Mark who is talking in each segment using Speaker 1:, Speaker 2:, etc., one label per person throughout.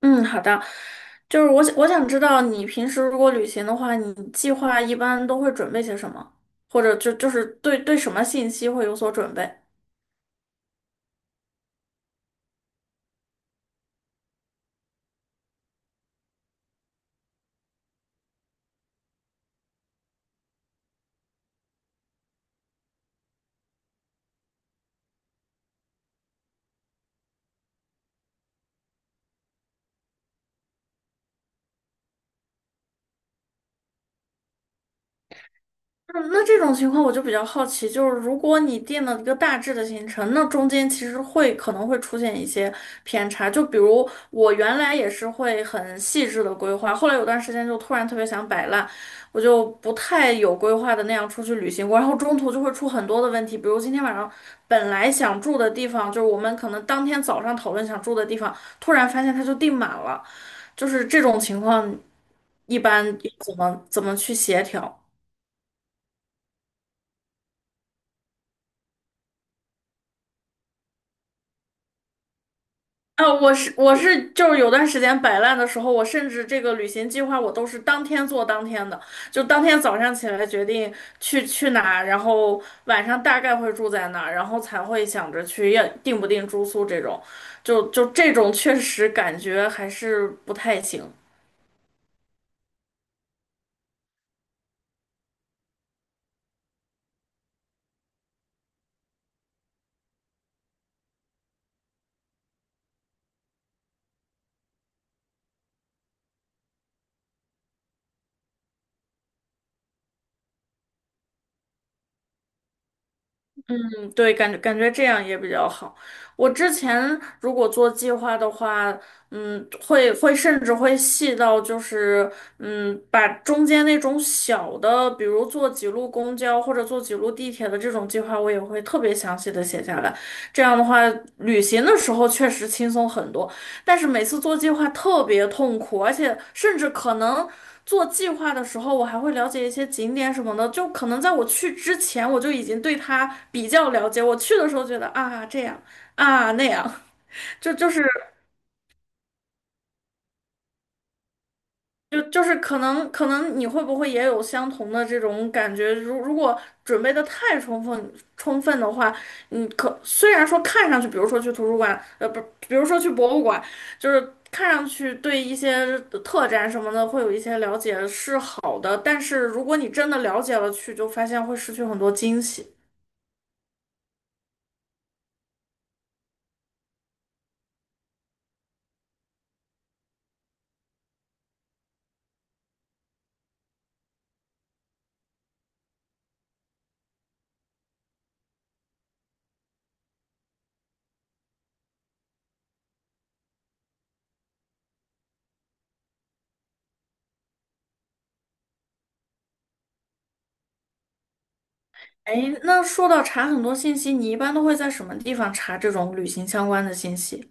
Speaker 1: 嗯，好的，就是我想知道你平时如果旅行的话，你计划一般都会准备些什么，或者就是对什么信息会有所准备？嗯，那这种情况我就比较好奇，就是如果你定了一个大致的行程，那中间其实会可能会出现一些偏差。就比如我原来也是会很细致的规划，后来有段时间就突然特别想摆烂，我就不太有规划的那样出去旅行过，然后中途就会出很多的问题，比如今天晚上本来想住的地方，就是我们可能当天早上讨论想住的地方，突然发现它就订满了，就是这种情况，一般怎么去协调？啊，我是就是有段时间摆烂的时候，我甚至这个旅行计划我都是当天做当天的，就当天早上起来决定去哪，然后晚上大概会住在哪，然后才会想着去要定不定住宿这种，就这种确实感觉还是不太行。嗯，对，感觉这样也比较好。我之前如果做计划的话，会甚至会细到就是，把中间那种小的，比如坐几路公交或者坐几路地铁的这种计划，我也会特别详细的写下来。这样的话，旅行的时候确实轻松很多，但是每次做计划特别痛苦，而且甚至可能。做计划的时候，我还会了解一些景点什么的，就可能在我去之前，我就已经对它比较了解。我去的时候觉得啊这样啊那样，就就是就是可能你会不会也有相同的这种感觉？如如果准备的太充分的话，你可虽然说看上去，比如说去图书馆，不，比如说去博物馆，就是看上去对一些特展什么的会有一些了解是好的，但是如果你真的了解了去，就发现会失去很多惊喜。哎，那说到查很多信息，你一般都会在什么地方查这种旅行相关的信息？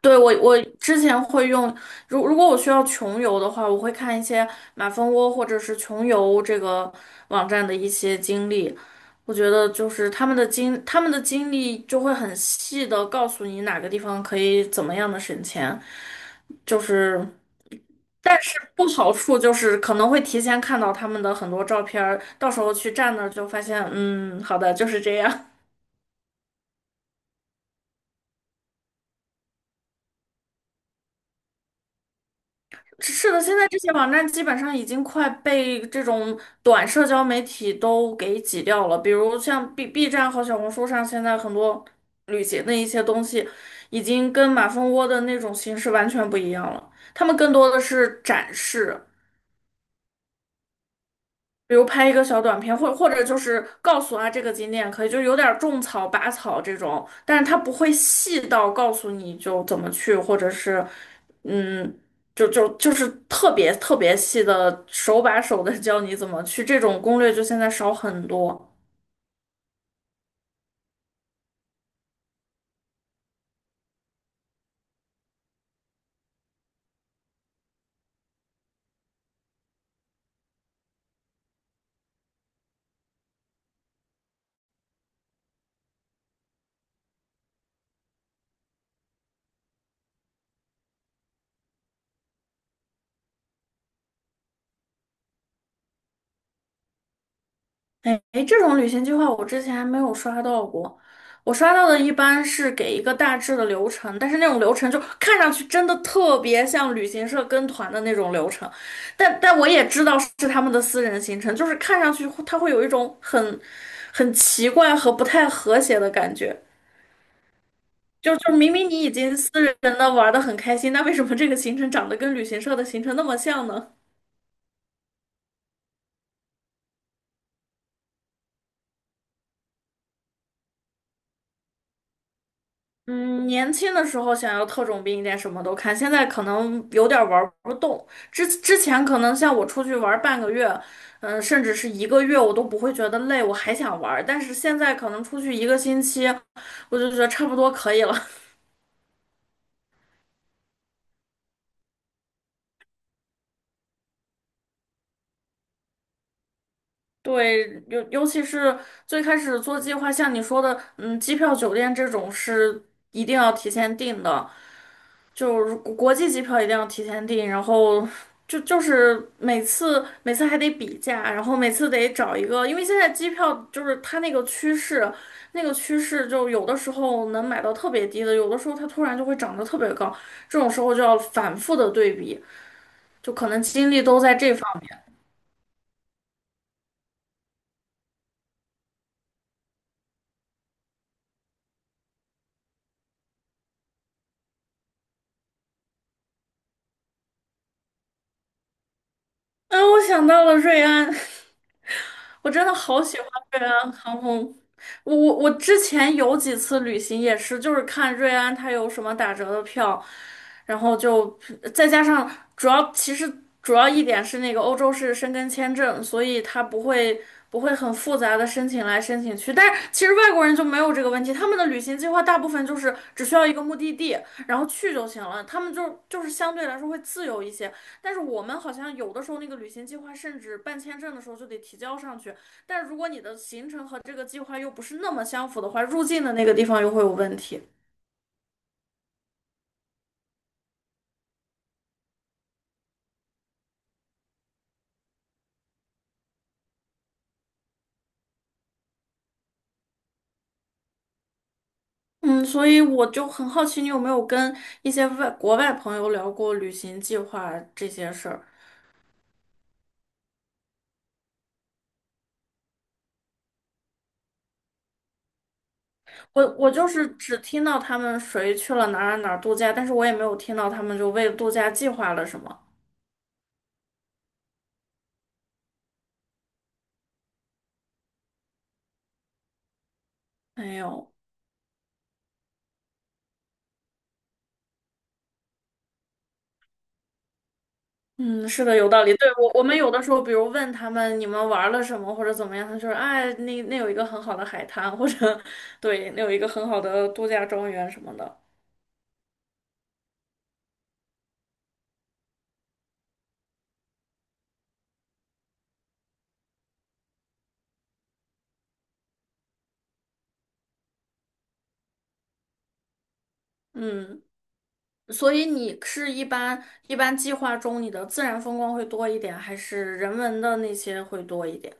Speaker 1: 对，我之前会用，如果我需要穷游的话，我会看一些马蜂窝或者是穷游这个网站的一些经历。我觉得就是他们的经历就会很细的告诉你哪个地方可以怎么样的省钱，就是，但是不好处就是可能会提前看到他们的很多照片儿，到时候去站那儿就发现，嗯，好的，就是这样。是的，现在这些网站基本上已经快被这种短社交媒体都给挤掉了，比如像 B B 站和小红书上，现在很多旅行的一些东西，已经跟马蜂窝的那种形式完全不一样了。他们更多的是展示，比如拍一个小短片，或者就是告诉啊这个景点可以，就有点儿种草、拔草这种，但是它不会细到告诉你就怎么去，或者是嗯，就是特别细的手把手的教你怎么去，这种攻略就现在少很多。哎，诶这种旅行计划我之前还没有刷到过，我刷到的一般是给一个大致的流程，但是那种流程就看上去真的特别像旅行社跟团的那种流程，但我也知道是他们的私人行程，就是看上去会它会有一种很奇怪和不太和谐的感觉，就明明你已经私人的玩的很开心，那为什么这个行程长得跟旅行社的行程那么像呢？嗯，年轻的时候想要特种兵一点，什么都看。现在可能有点玩不动。之前可能像我出去玩半个月，嗯，甚至是一个月，我都不会觉得累，我还想玩。但是现在可能出去一个星期，我就觉得差不多可以了。对，尤其是最开始做计划，像你说的，嗯，机票、酒店这种是一定要提前订的，就是国际机票一定要提前订，然后就是每次还得比价，然后每次得找一个，因为现在机票就是它那个趋势，那个趋势就有的时候能买到特别低的，有的时候它突然就会涨得特别高，这种时候就要反复的对比，就可能精力都在这方面。哎，我想到了瑞安。我真的好喜欢瑞安航空。我之前有几次旅行也是，就是看瑞安它有什么打折的票，然后就再加上主要其实主要一点是那个欧洲是申根签证，所以它不会很复杂的申请来申请去。但是其实外国人就没有这个问题，他们的旅行计划大部分就是只需要一个目的地，然后去就行了，他们就是相对来说会自由一些。但是我们好像有的时候那个旅行计划，甚至办签证的时候就得提交上去。但如果你的行程和这个计划又不是那么相符的话，入境的那个地方又会有问题。嗯，所以我就很好奇，你有没有跟一些外国外朋友聊过旅行计划这些事儿？我就是只听到他们谁去了哪儿度假，但是我也没有听到他们就为度假计划了什么。没有。嗯，是的，有道理。对，我们有的时候，比如问他们你们玩了什么或者怎么样，他说，哎，那有一个很好的海滩，或者对，那有一个很好的度假庄园什么的。嗯，所以你是一般计划中你的自然风光会多一点，还是人文的那些会多一点？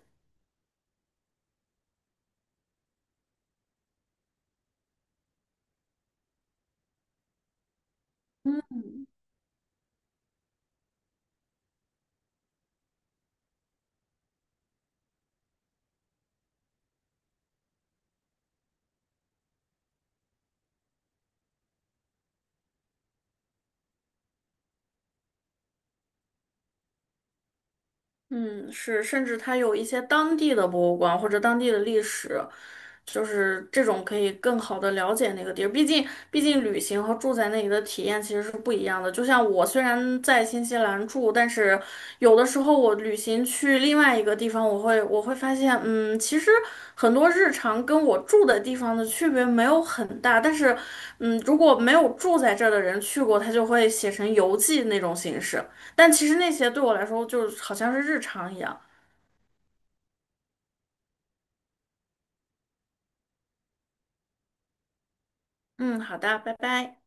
Speaker 1: 嗯。嗯，是，甚至它有一些当地的博物馆或者当地的历史，就是这种可以更好的了解那个地儿。毕竟旅行和住在那里的体验其实是不一样的。就像我虽然在新西兰住，但是有的时候我旅行去另外一个地方，我会发现，嗯，其实很多日常跟我住的地方的区别没有很大。但是，嗯，如果没有住在这儿的人去过，他就会写成游记那种形式。但其实那些对我来说，就是好像是日常一样。嗯，好的，拜拜。